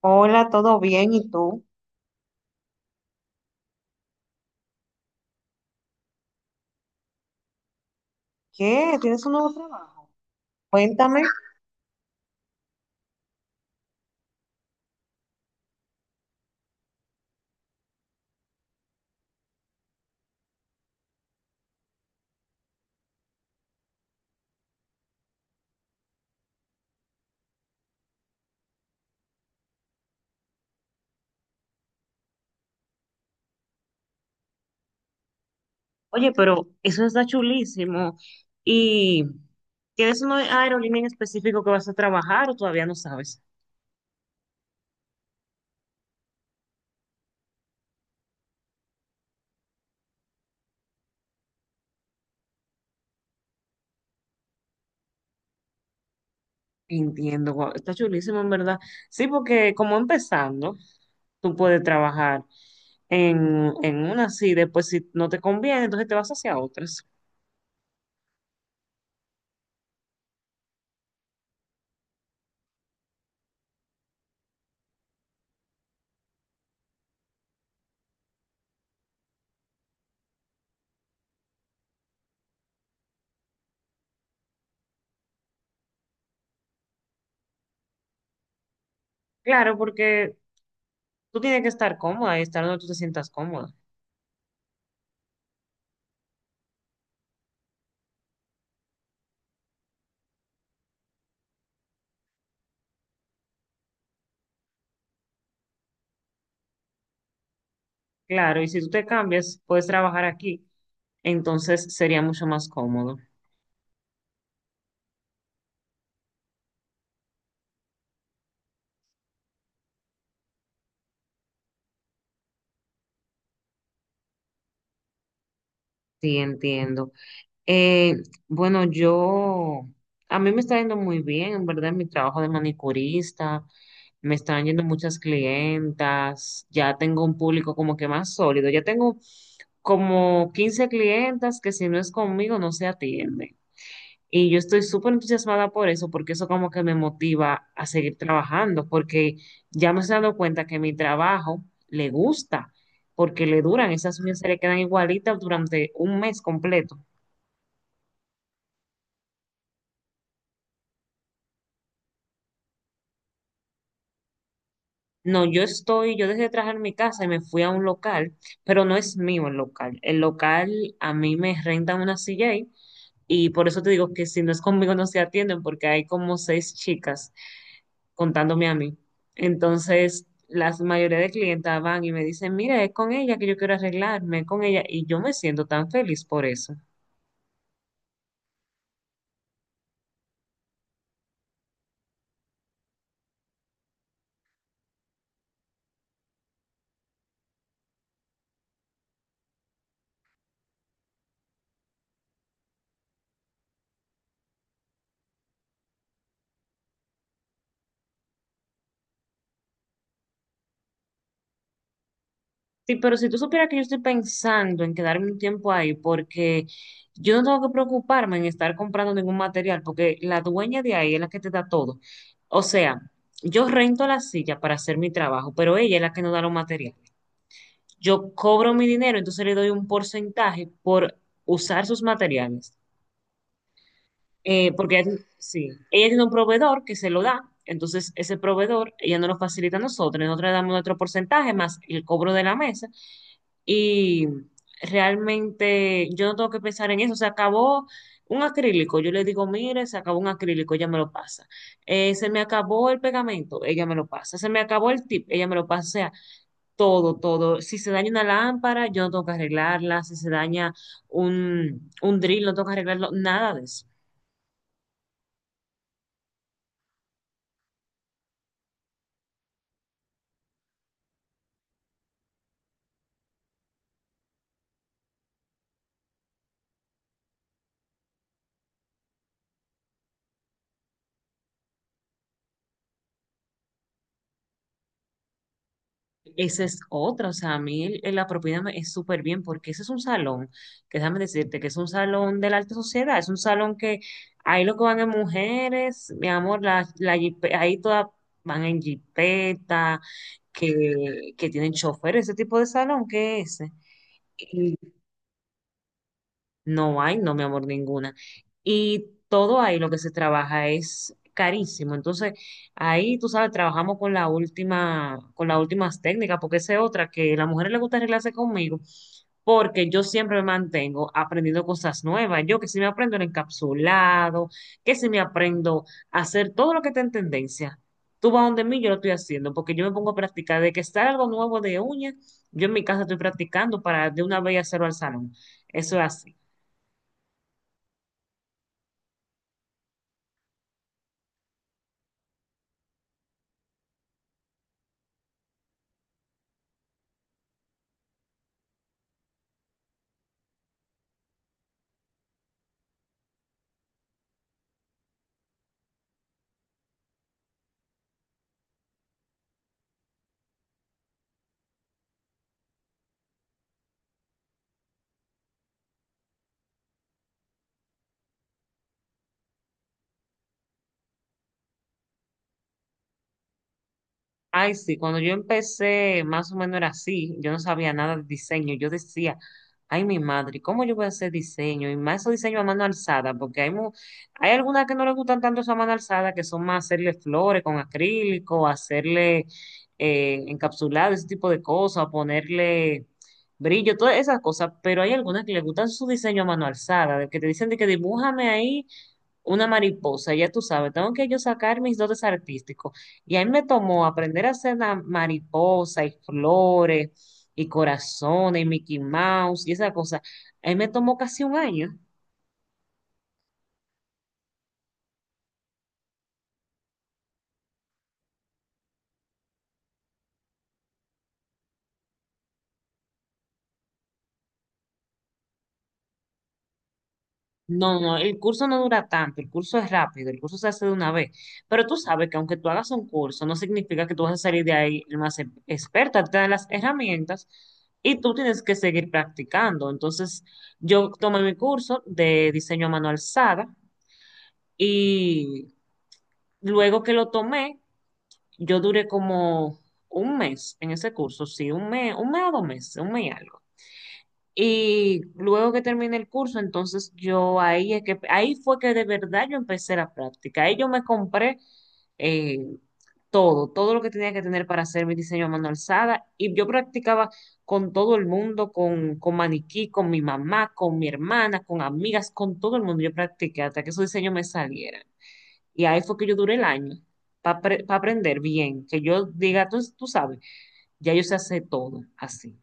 Hola, ¿todo bien? ¿Y tú? ¿Qué? ¿Tienes un nuevo trabajo? Cuéntame. Oye, pero eso está chulísimo. ¿Y tienes una aerolínea en específico que vas a trabajar o todavía no sabes? Entiendo, guau, está chulísimo en verdad. Sí, porque como empezando, tú puedes trabajar en una así, después si no te conviene, entonces te vas hacia otras. Claro, porque tú tienes que estar cómoda y estar donde tú te sientas cómoda. Claro, y si tú te cambias, puedes trabajar aquí. Entonces sería mucho más cómodo. Sí, entiendo. Eh, bueno, yo, a mí me está yendo muy bien, en verdad, en mi trabajo de manicurista, me están yendo muchas clientas, ya tengo un público como que más sólido, ya tengo como 15 clientas que si no es conmigo no se atienden. Y yo estoy súper entusiasmada por eso, porque eso como que me motiva a seguir trabajando, porque ya me he dado cuenta que mi trabajo le gusta, porque le duran, esas uñas se le quedan igualitas durante un mes completo. No, yo estoy, yo dejé de trabajar en mi casa y me fui a un local, pero no es mío el local. El local a mí me rentan una silla ahí. Y por eso te digo que si no es conmigo no se atienden porque hay como seis chicas contándome a mí. Entonces, la mayoría de clientas van y me dicen, mira, es con ella que yo quiero arreglarme, es con ella. Y yo me siento tan feliz por eso. Sí, pero si tú supieras que yo estoy pensando en quedarme un tiempo ahí porque yo no tengo que preocuparme en estar comprando ningún material porque la dueña de ahí es la que te da todo. O sea, yo rento la silla para hacer mi trabajo, pero ella es la que nos da los materiales. Yo cobro mi dinero, entonces le doy un porcentaje por usar sus materiales. Porque sí, ella tiene un proveedor que se lo da, entonces ese proveedor ella no lo facilita a nosotros, nosotros le damos nuestro porcentaje más el cobro de la mesa y realmente yo no tengo que pensar en eso, se acabó un acrílico, yo le digo, mire, se acabó un acrílico, ella me lo pasa. Se me acabó el pegamento, ella me lo pasa, se me acabó el tip, ella me lo pasa. O sea, todo, todo. Si se daña una lámpara, yo no tengo que arreglarla. Si se daña un drill, no tengo que arreglarlo. Nada de eso. Esa es otra. O sea, a mí la propiedad es súper bien porque ese es un salón, que déjame decirte que es un salón de la alta sociedad. Es un salón que ahí lo que van es mujeres, mi amor, ahí todas van en jipeta, que tienen chofer, ese tipo de salón, ¿qué es ese? No hay, no, mi amor, ninguna. Y todo ahí lo que se trabaja es carísimo. Entonces, ahí, tú sabes, trabajamos con la última, con las últimas técnicas, porque esa es otra que a las mujeres les gusta arreglarse conmigo, porque yo siempre me mantengo aprendiendo cosas nuevas. Yo que si me aprendo el encapsulado, que si me aprendo a hacer todo lo que está en tendencia. Tú vas donde mí, yo lo estoy haciendo, porque yo me pongo a practicar. De que está algo nuevo de uña, yo en mi casa estoy practicando para de una vez hacerlo al salón. Eso es así. Ay, sí, cuando yo empecé, más o menos era así, yo no sabía nada de diseño, yo decía, ay, mi madre, ¿cómo yo voy a hacer diseño? Y más esos diseños a mano alzada, porque hay algunas que no les gustan tanto esa mano alzada, que son más hacerle flores con acrílico, hacerle encapsulado, ese tipo de cosas, ponerle brillo, todas esas cosas, pero hay algunas que les gustan su diseño a mano alzada, de que te dicen de que dibújame ahí una mariposa, ya tú sabes, tengo que yo sacar mis dotes artísticos. Y ahí me tomó aprender a hacer la mariposa y flores y corazones y Mickey Mouse y esa cosa. Ahí me tomó casi un año. No, no, el curso no dura tanto, el curso es rápido, el curso se hace de una vez. Pero tú sabes que aunque tú hagas un curso, no significa que tú vas a salir de ahí el más experta, te dan las herramientas y tú tienes que seguir practicando. Entonces, yo tomé mi curso de diseño a mano alzada. Y luego que lo tomé, yo duré como un mes en ese curso, sí, un mes a 2 meses, un mes y algo. Y luego que terminé el curso, entonces yo ahí es que ahí fue que de verdad yo empecé la práctica. Ahí yo me compré eh, todo, todo lo que tenía que tener para hacer mi diseño a mano alzada. Y yo practicaba con todo el mundo, con maniquí, con mi mamá, con mi hermana, con amigas, con todo el mundo. Yo practiqué hasta que esos diseños me salieran. Y ahí fue que yo duré el año para aprender bien, que yo diga, tú sabes, ya yo sé hacer todo así.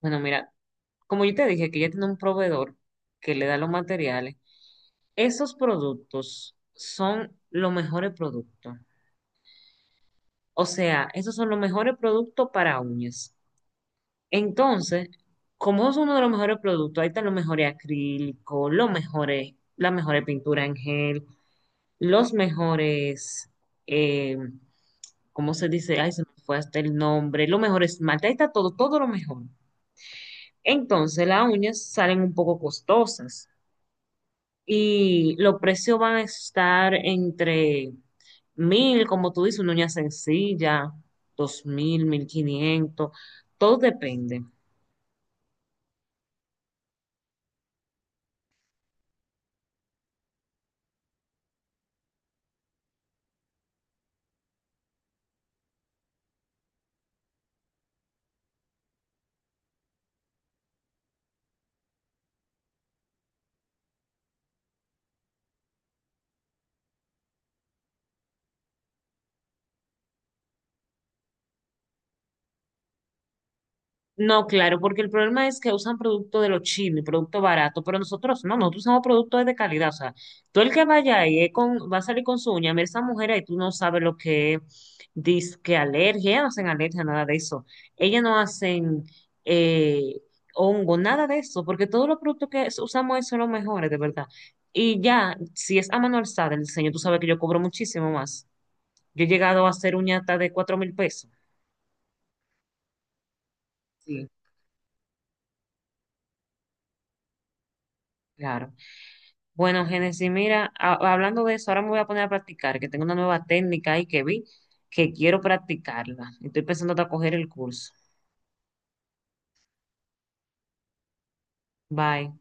Bueno, mira, como yo te dije que ella tiene un proveedor que le da los materiales, esos productos son los mejores productos. O sea, esos son los mejores productos para uñas. Entonces, como es uno de los mejores productos, ahí están los mejores acrílicos, los mejores, las mejores pinturas en gel, los mejores... eh, ¿cómo se dice? Ay, se me fue hasta el nombre. Lo mejor es esmalte, ahí está todo, todo lo mejor. Entonces, las uñas salen un poco costosas y los precios van a estar entre 1.000, como tú dices, una uña sencilla, 2.000, 1.500, todo depende. No, claro, porque el problema es que usan producto de los chinos, producto barato, pero nosotros no, nosotros usamos productos de calidad. O sea, tú el que vaya ahí es con, va a salir con su uña, mira esa mujer ahí, tú no sabes lo que dice que alergia, ellas no hacen alergia, nada de eso. Ellas no hacen eh, hongo, nada de eso, porque todos los productos que usamos ahí son los mejores, de verdad. Y ya, si es a mano alzada el diseño, tú sabes que yo cobro muchísimo más. Yo he llegado a hacer uña hasta de 4.000 pesos. Sí. Claro. Bueno, Génesis, mira, hablando de eso, ahora me voy a poner a practicar, que tengo una nueva técnica ahí que vi, que quiero practicarla. Estoy pensando hasta coger el curso. Bye.